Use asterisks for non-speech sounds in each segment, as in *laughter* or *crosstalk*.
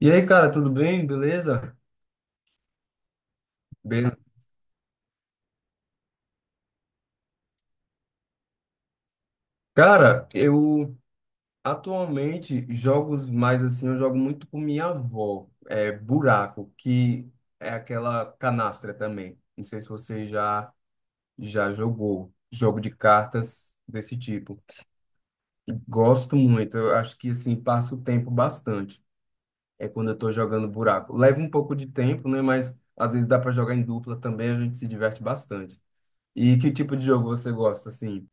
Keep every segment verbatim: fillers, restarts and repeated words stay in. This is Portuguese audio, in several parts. E aí, cara, tudo bem? Beleza? Beleza. Cara, eu atualmente jogos mais assim, eu jogo muito com minha avó, é Buraco, que é aquela canastra também. Não sei se você já já jogou jogo de cartas desse tipo. Gosto muito, eu acho que assim passo o tempo bastante. É quando eu tô jogando Buraco. Leva um pouco de tempo, né, mas às vezes dá para jogar em dupla também, a gente se diverte bastante. E que tipo de jogo você gosta assim?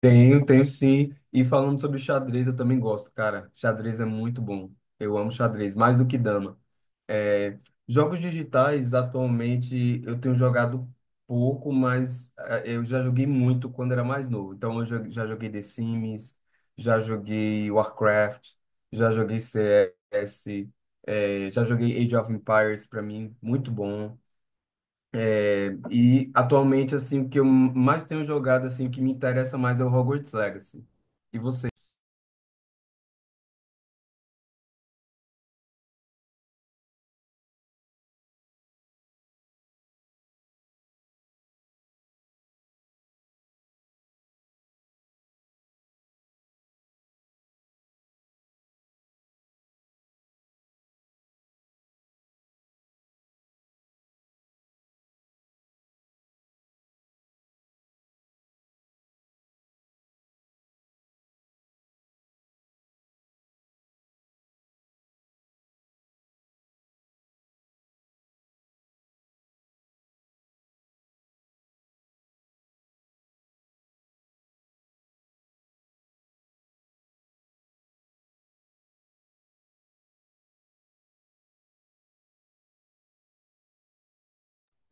Tenho, tenho sim. E falando sobre xadrez, eu também gosto, cara. Xadrez é muito bom. Eu amo xadrez, mais do que dama. É, jogos digitais, atualmente, eu tenho jogado pouco, mas eh, eu já joguei muito quando era mais novo. Então, eu jo- já joguei The Sims, já joguei Warcraft, já joguei C S, eh, já joguei Age of Empires, para mim, muito bom. É, e atualmente, assim, o que eu mais tenho jogado, assim, que me interessa mais é o Hogwarts Legacy. E você?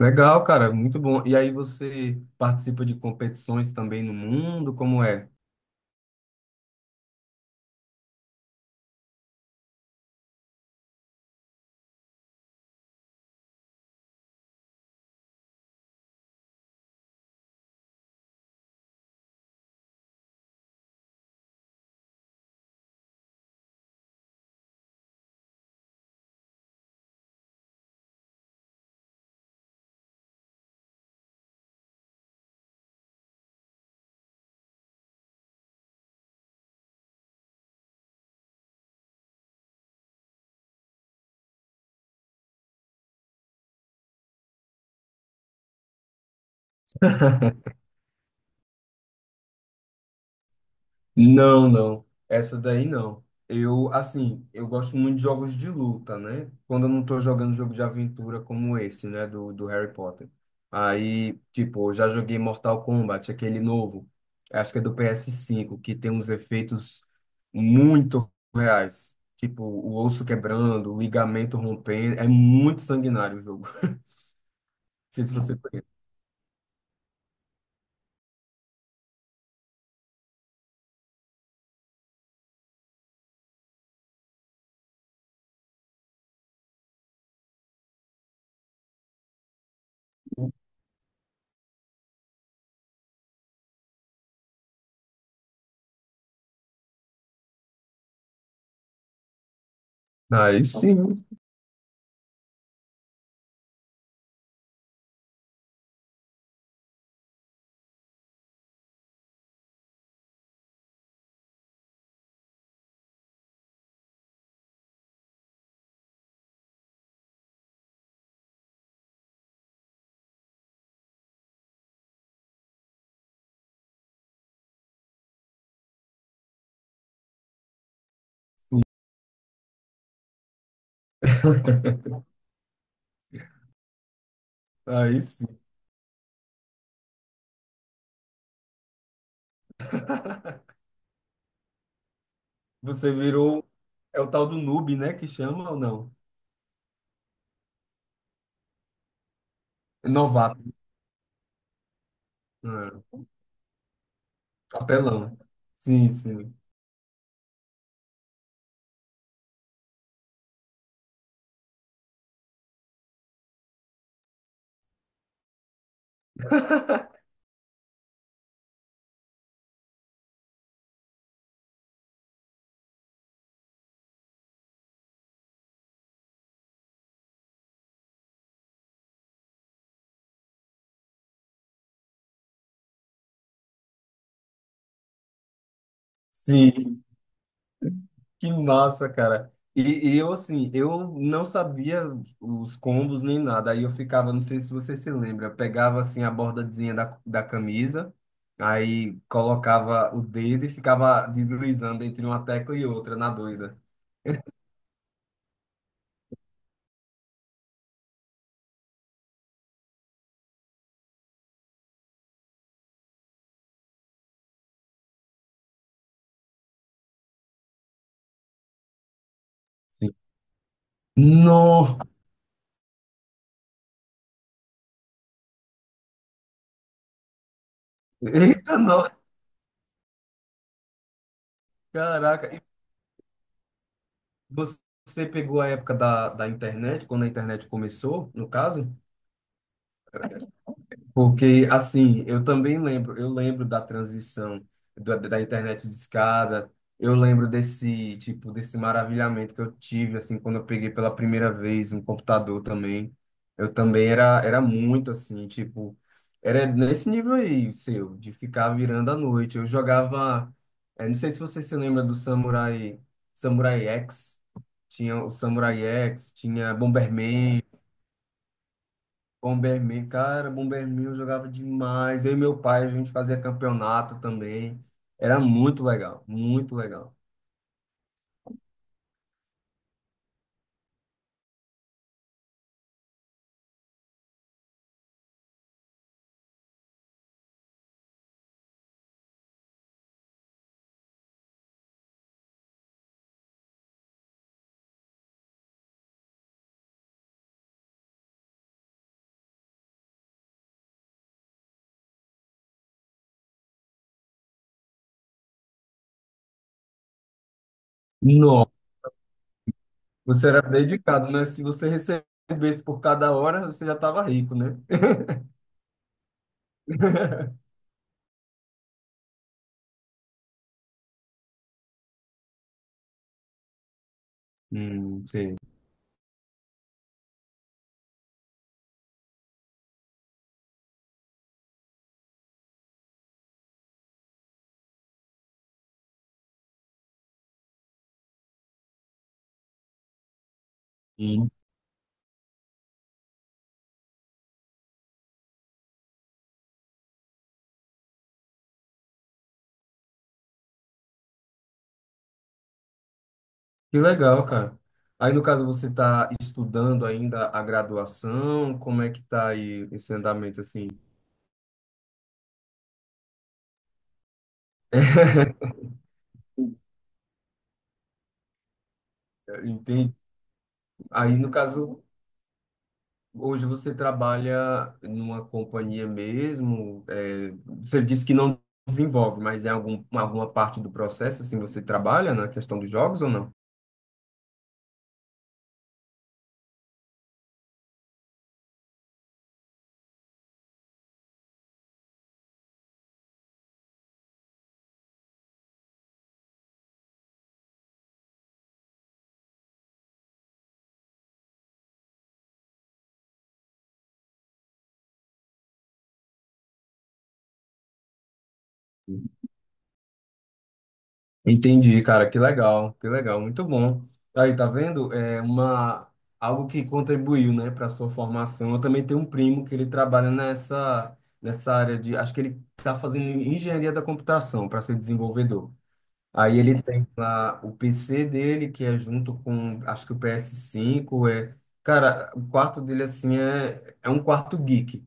Legal, cara, muito bom. E aí você participa de competições também no mundo? Como é? Não, não. Essa daí não. Eu, assim, eu gosto muito de jogos de luta, né? Quando eu não tô jogando jogo de aventura como esse, né? Do, do Harry Potter. Aí, tipo, eu já joguei Mortal Kombat, aquele novo. Acho que é do P S cinco, que tem uns efeitos muito reais. Tipo, o osso quebrando, o ligamento rompendo. É muito sanguinário o jogo. *laughs* Não sei se você... Aí sim, aí sim. Você virou. É o tal do noob, né? Que chama ou não? É novato. Ah, apelão. Sim, sim. Sim. Que massa, cara. E, e eu, assim, eu não sabia os combos nem nada. Aí eu ficava, não sei se você se lembra, pegava, assim, a bordazinha da, da camisa, aí colocava o dedo e ficava deslizando entre uma tecla e outra, na doida. Sim. Nó! Eita, nó! Caraca. Você pegou a época da, da internet, quando a internet começou, no caso? Porque, assim, eu também lembro, eu lembro da transição da, da internet de escada, eu lembro desse, tipo, desse maravilhamento que eu tive, assim, quando eu peguei pela primeira vez um computador também. Eu também era, era muito, assim, tipo, era nesse nível aí, seu, de ficar virando à noite. Eu jogava, eh, não sei se você se lembra do Samurai, Samurai X, tinha o Samurai X, tinha Bomberman, Bomberman, cara, Bomberman eu jogava demais. Eu e meu pai, a gente fazia campeonato também. Era muito legal, muito legal. Nossa, você era dedicado, né? Se você recebesse por cada hora, você já estava rico, né? *laughs* Hum, sim. Sim. Que legal, cara. Aí, no caso, você está estudando ainda a graduação? Como é que tá aí esse andamento, assim? Entende? Aí, no caso, hoje você trabalha numa companhia mesmo, é, você disse que não desenvolve, mas em algum, alguma parte do processo, assim, você trabalha na questão dos jogos ou não? Entendi, cara, que legal, que legal, muito bom. Aí, tá vendo? É uma, algo que contribuiu, né, para sua formação. Eu também tenho um primo que ele trabalha nessa, nessa área de, acho que ele está fazendo engenharia da computação para ser desenvolvedor. Aí ele tem lá o P C dele, que é junto com, acho que o P S cinco, é... Cara, o quarto dele, assim, é, é um quarto geek.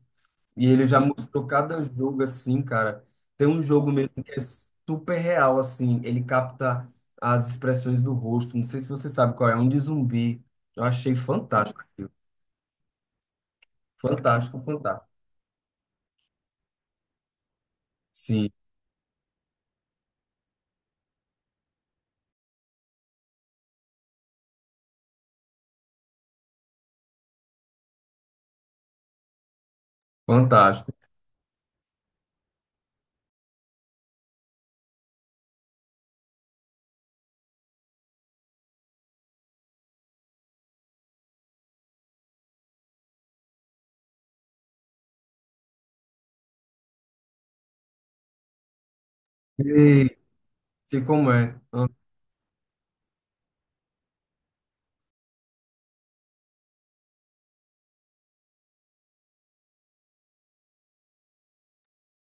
E ele já mostrou cada jogo, assim, cara. Tem um jogo mesmo que é super real, assim. Ele capta as expressões do rosto. Não sei se você sabe qual é, é um de zumbi. Eu achei fantástico aquilo. Fantástico, fantástico. Sim, fantástico. E, sei como é.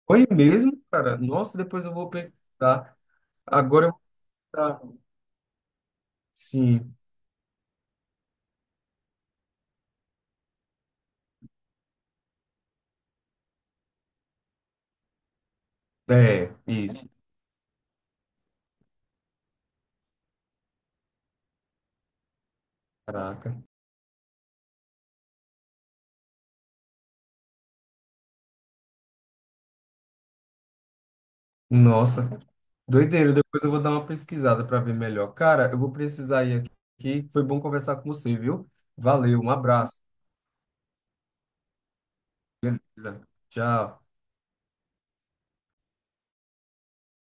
Foi mesmo, cara? Nossa, depois eu vou pesquisar. Agora eu vou... Sim, é, isso. Caraca. Nossa, doideira. Depois eu vou dar uma pesquisada para ver melhor. Cara, eu vou precisar ir aqui. Foi bom conversar com você, viu? Valeu, um abraço. Tchau.